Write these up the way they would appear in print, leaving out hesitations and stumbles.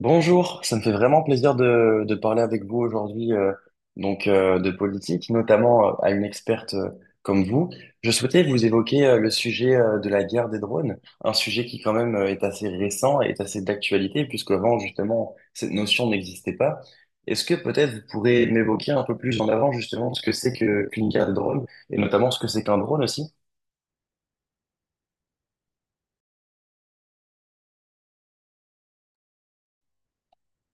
Bonjour, ça me fait vraiment plaisir de parler avec vous aujourd'hui, de politique, notamment à une experte comme vous. Je souhaitais vous évoquer le sujet de la guerre des drones, un sujet qui quand même est assez récent et est assez d'actualité, puisqu'avant justement cette notion n'existait pas. Est-ce que peut-être vous pourrez m'évoquer un peu plus en avant justement ce que c'est que qu'une guerre des drones, et notamment ce que c'est qu'un drone aussi?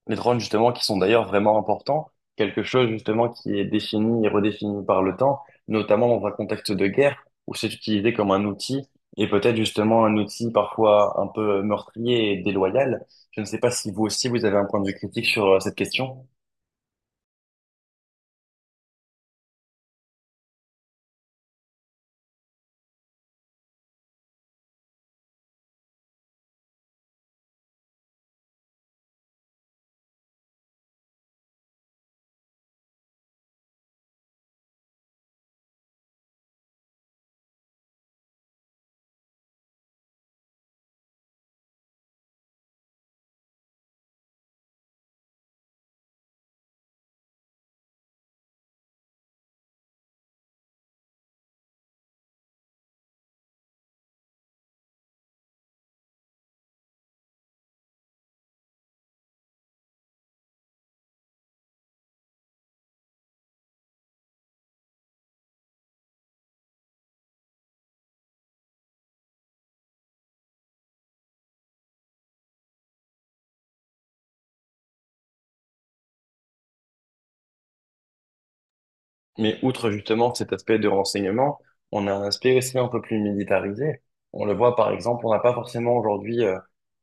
Les drones, justement, qui sont d'ailleurs vraiment importants, quelque chose, justement, qui est défini et redéfini par le temps, notamment dans un contexte de guerre, où c'est utilisé comme un outil, et peut-être justement un outil parfois un peu meurtrier et déloyal. Je ne sais pas si vous aussi, vous avez un point de vue critique sur cette question. Mais outre justement cet aspect de renseignement, on a un aspect aussi un peu plus militarisé. On le voit par exemple, on n'a pas forcément aujourd'hui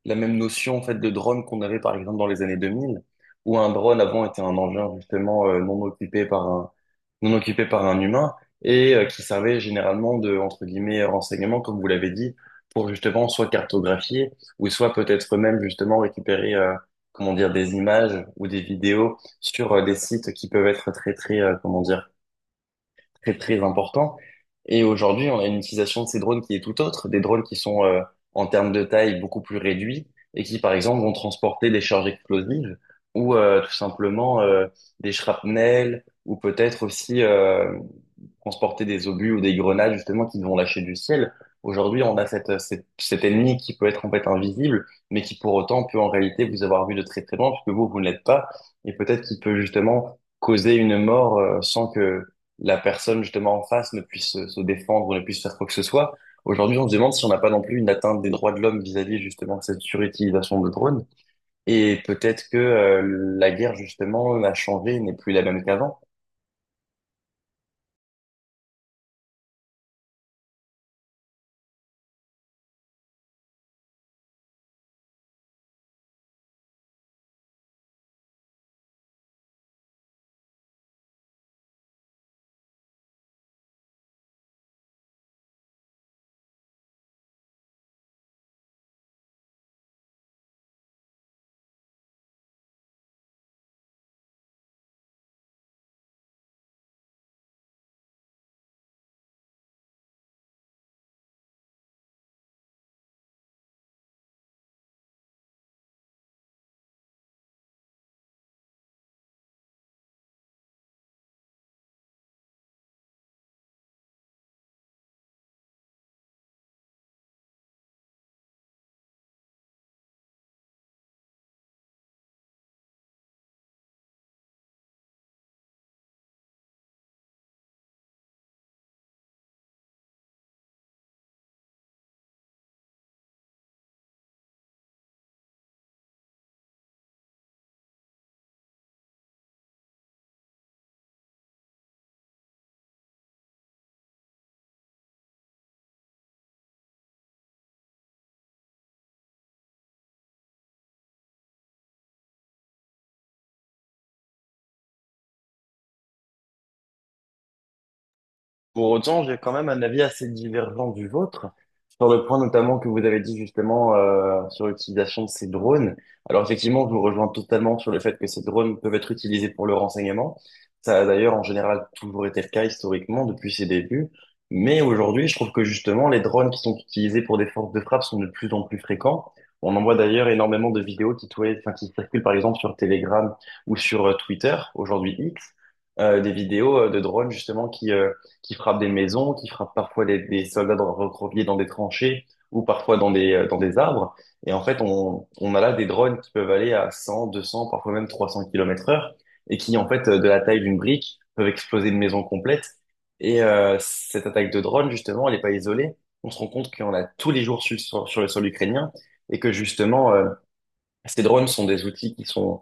la même notion en fait de drone qu'on avait par exemple dans les années 2000, où un drone avant était un engin justement non occupé par un humain et qui servait généralement de entre guillemets renseignement comme vous l'avez dit pour justement soit cartographier ou soit peut-être même justement récupérer comment dire des images ou des vidéos sur des sites qui peuvent être très très comment dire très très important. Et aujourd'hui, on a une utilisation de ces drones qui est tout autre, des drones qui sont en termes de taille beaucoup plus réduits et qui, par exemple, vont transporter des charges explosives ou tout simplement des shrapnels ou peut-être aussi transporter des obus ou des grenades justement qui vont lâcher du ciel. Aujourd'hui, on a cet ennemi qui peut être en fait invisible, mais qui pour autant peut en réalité vous avoir vu de très très loin, puisque vous, vous ne l'êtes pas, et peut-être qu'il peut justement causer une mort sans que la personne justement en face ne puisse se défendre, ne puisse faire quoi que ce soit. Aujourd'hui, on se demande si on n'a pas non plus une atteinte des droits de l'homme vis-à-vis justement de cette surutilisation de drones. Et peut-être que la guerre justement a changé, n'est plus la même qu'avant. Pour autant, j'ai quand même un avis assez divergent du vôtre, sur le point notamment que vous avez dit justement sur l'utilisation de ces drones. Alors effectivement, je vous rejoins totalement sur le fait que ces drones peuvent être utilisés pour le renseignement. Ça a d'ailleurs en général toujours été le cas historiquement depuis ses débuts. Mais aujourd'hui, je trouve que justement, les drones qui sont utilisés pour des forces de frappe sont de plus en plus fréquents. On en voit d'ailleurs énormément de vidéos enfin, qui circulent par exemple sur Telegram ou sur Twitter, aujourd'hui X, des vidéos de drones justement qui frappent des maisons, qui frappent parfois des soldats recroquevillés dans des tranchées ou parfois dans dans des arbres. Et en fait, on a là des drones qui peuvent aller à 100, 200, parfois même 300 km/h et qui, en fait, de la taille d'une brique, peuvent exploser une maison complète. Et cette attaque de drone, justement, elle n'est pas isolée. On se rend compte qu'il y en a tous les jours sur le sol ukrainien et que justement, ces drones sont des outils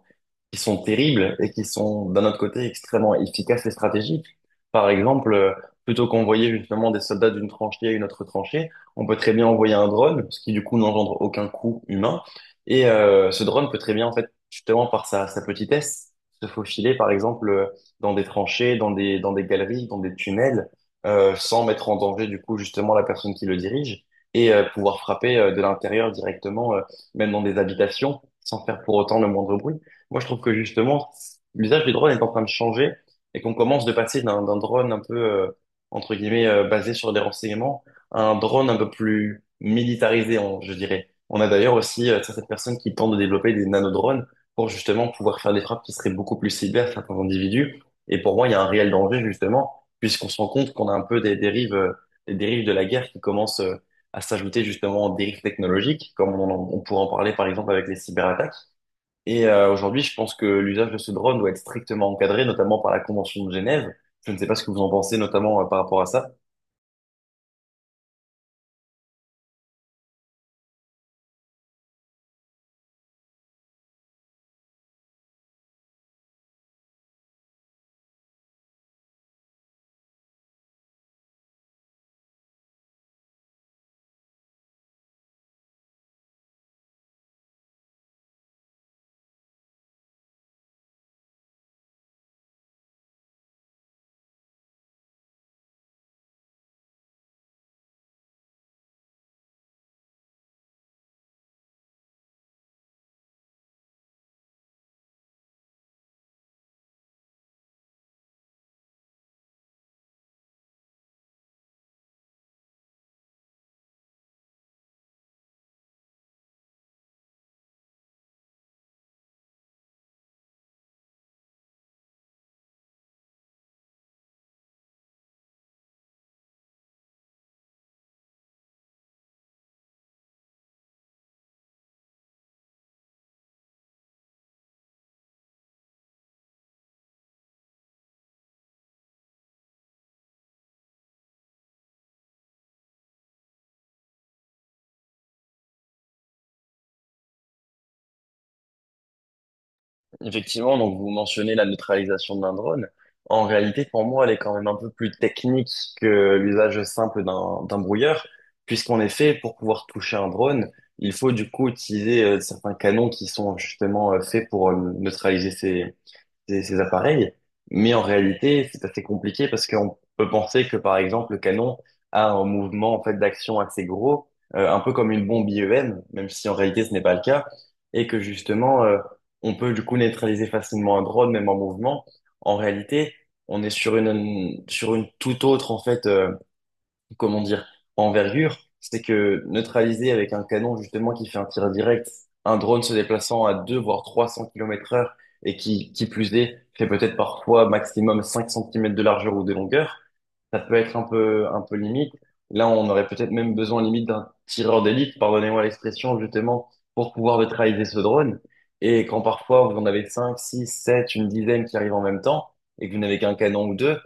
qui sont terribles et qui sont, d'un autre côté, extrêmement efficaces et stratégiques. Par exemple, plutôt qu'envoyer justement des soldats d'une tranchée à une autre tranchée, on peut très bien envoyer un drone, ce qui du coup n'engendre aucun coût humain. Et ce drone peut très bien, en fait, justement par sa petitesse, se faufiler, par exemple, dans des tranchées, dans dans des galeries, dans des tunnels, sans mettre en danger du coup justement la personne qui le dirige et pouvoir frapper de l'intérieur directement, même dans des habitations sans faire pour autant le moindre bruit. Moi, je trouve que justement, l'usage du drone est en train de changer et qu'on commence de passer d'un drone un peu, entre guillemets, basé sur des renseignements à un drone un peu plus militarisé, je dirais. On a d'ailleurs aussi certaines personnes qui tentent de développer des nanodrones pour justement pouvoir faire des frappes qui seraient beaucoup plus ciblées à certains individus. Et pour moi, il y a un réel danger, justement, puisqu'on se rend compte qu'on a un peu des dérives de la guerre qui commencent à s'ajouter justement aux dérives technologiques, comme on pourrait en parler par exemple avec les cyberattaques. Et aujourd'hui, je pense que l'usage de ce drone doit être strictement encadré, notamment par la Convention de Genève. Je ne sais pas ce que vous en pensez, notamment par rapport à ça. Effectivement, donc vous mentionnez la neutralisation d'un drone. En réalité, pour moi, elle est quand même un peu plus technique que l'usage simple d'un brouilleur, puisqu'en effet, pour pouvoir toucher un drone, il faut du coup utiliser certains canons qui sont justement faits pour neutraliser ces appareils. Mais en réalité, c'est assez compliqué parce qu'on peut penser que, par exemple, le canon a un mouvement en fait d'action assez gros, un peu comme une bombe IEM, même si en réalité ce n'est pas le cas, et que justement, on peut du coup neutraliser facilement un drone, même en mouvement. En réalité, on est sur une toute autre en fait, comment dire, envergure, c'est que neutraliser avec un canon justement qui fait un tir direct, un drone se déplaçant à 2 voire 300 km heure et qui plus est, fait peut-être parfois maximum 5 cm de largeur ou de longueur, ça peut être un peu limite. Là, on aurait peut-être même besoin limite d'un tireur d'élite, pardonnez-moi l'expression, justement, pour pouvoir neutraliser ce drone. Et quand parfois vous en avez 5, 6, 7, une dizaine qui arrivent en même temps, et que vous n'avez qu'un canon ou deux,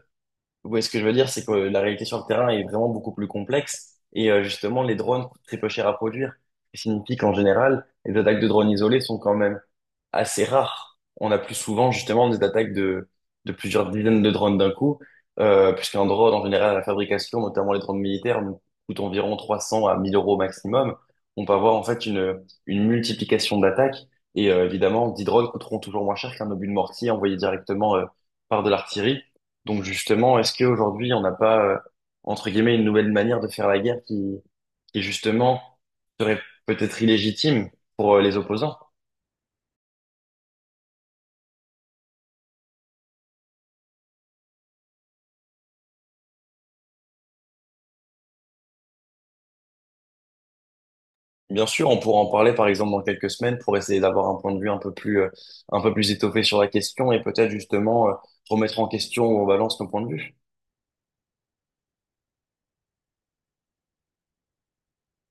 oui, ce que je veux dire, c'est que la réalité sur le terrain est vraiment beaucoup plus complexe. Et justement, les drones coûtent très peu cher à produire. Ce qui signifie qu'en général, les attaques de drones isolés sont quand même assez rare. On a plus souvent justement des attaques de plusieurs dizaines de drones d'un coup, puisqu'un drone, en général, à la fabrication, notamment les drones militaires, nous coûte environ 300 à 1000 euros maximum. On peut avoir en fait une multiplication d'attaques, et évidemment, 10 drones coûteront toujours moins cher qu'un obus de mortier envoyé directement par de l'artillerie. Donc justement, est-ce qu'aujourd'hui, on n'a pas, entre guillemets, une nouvelle manière de faire la guerre qui justement serait peut-être illégitime pour les opposants? Bien sûr, on pourra en parler par exemple dans quelques semaines pour essayer d'avoir un point de vue un peu plus étoffé sur la question et peut-être justement remettre en question ou en balance nos points de vue.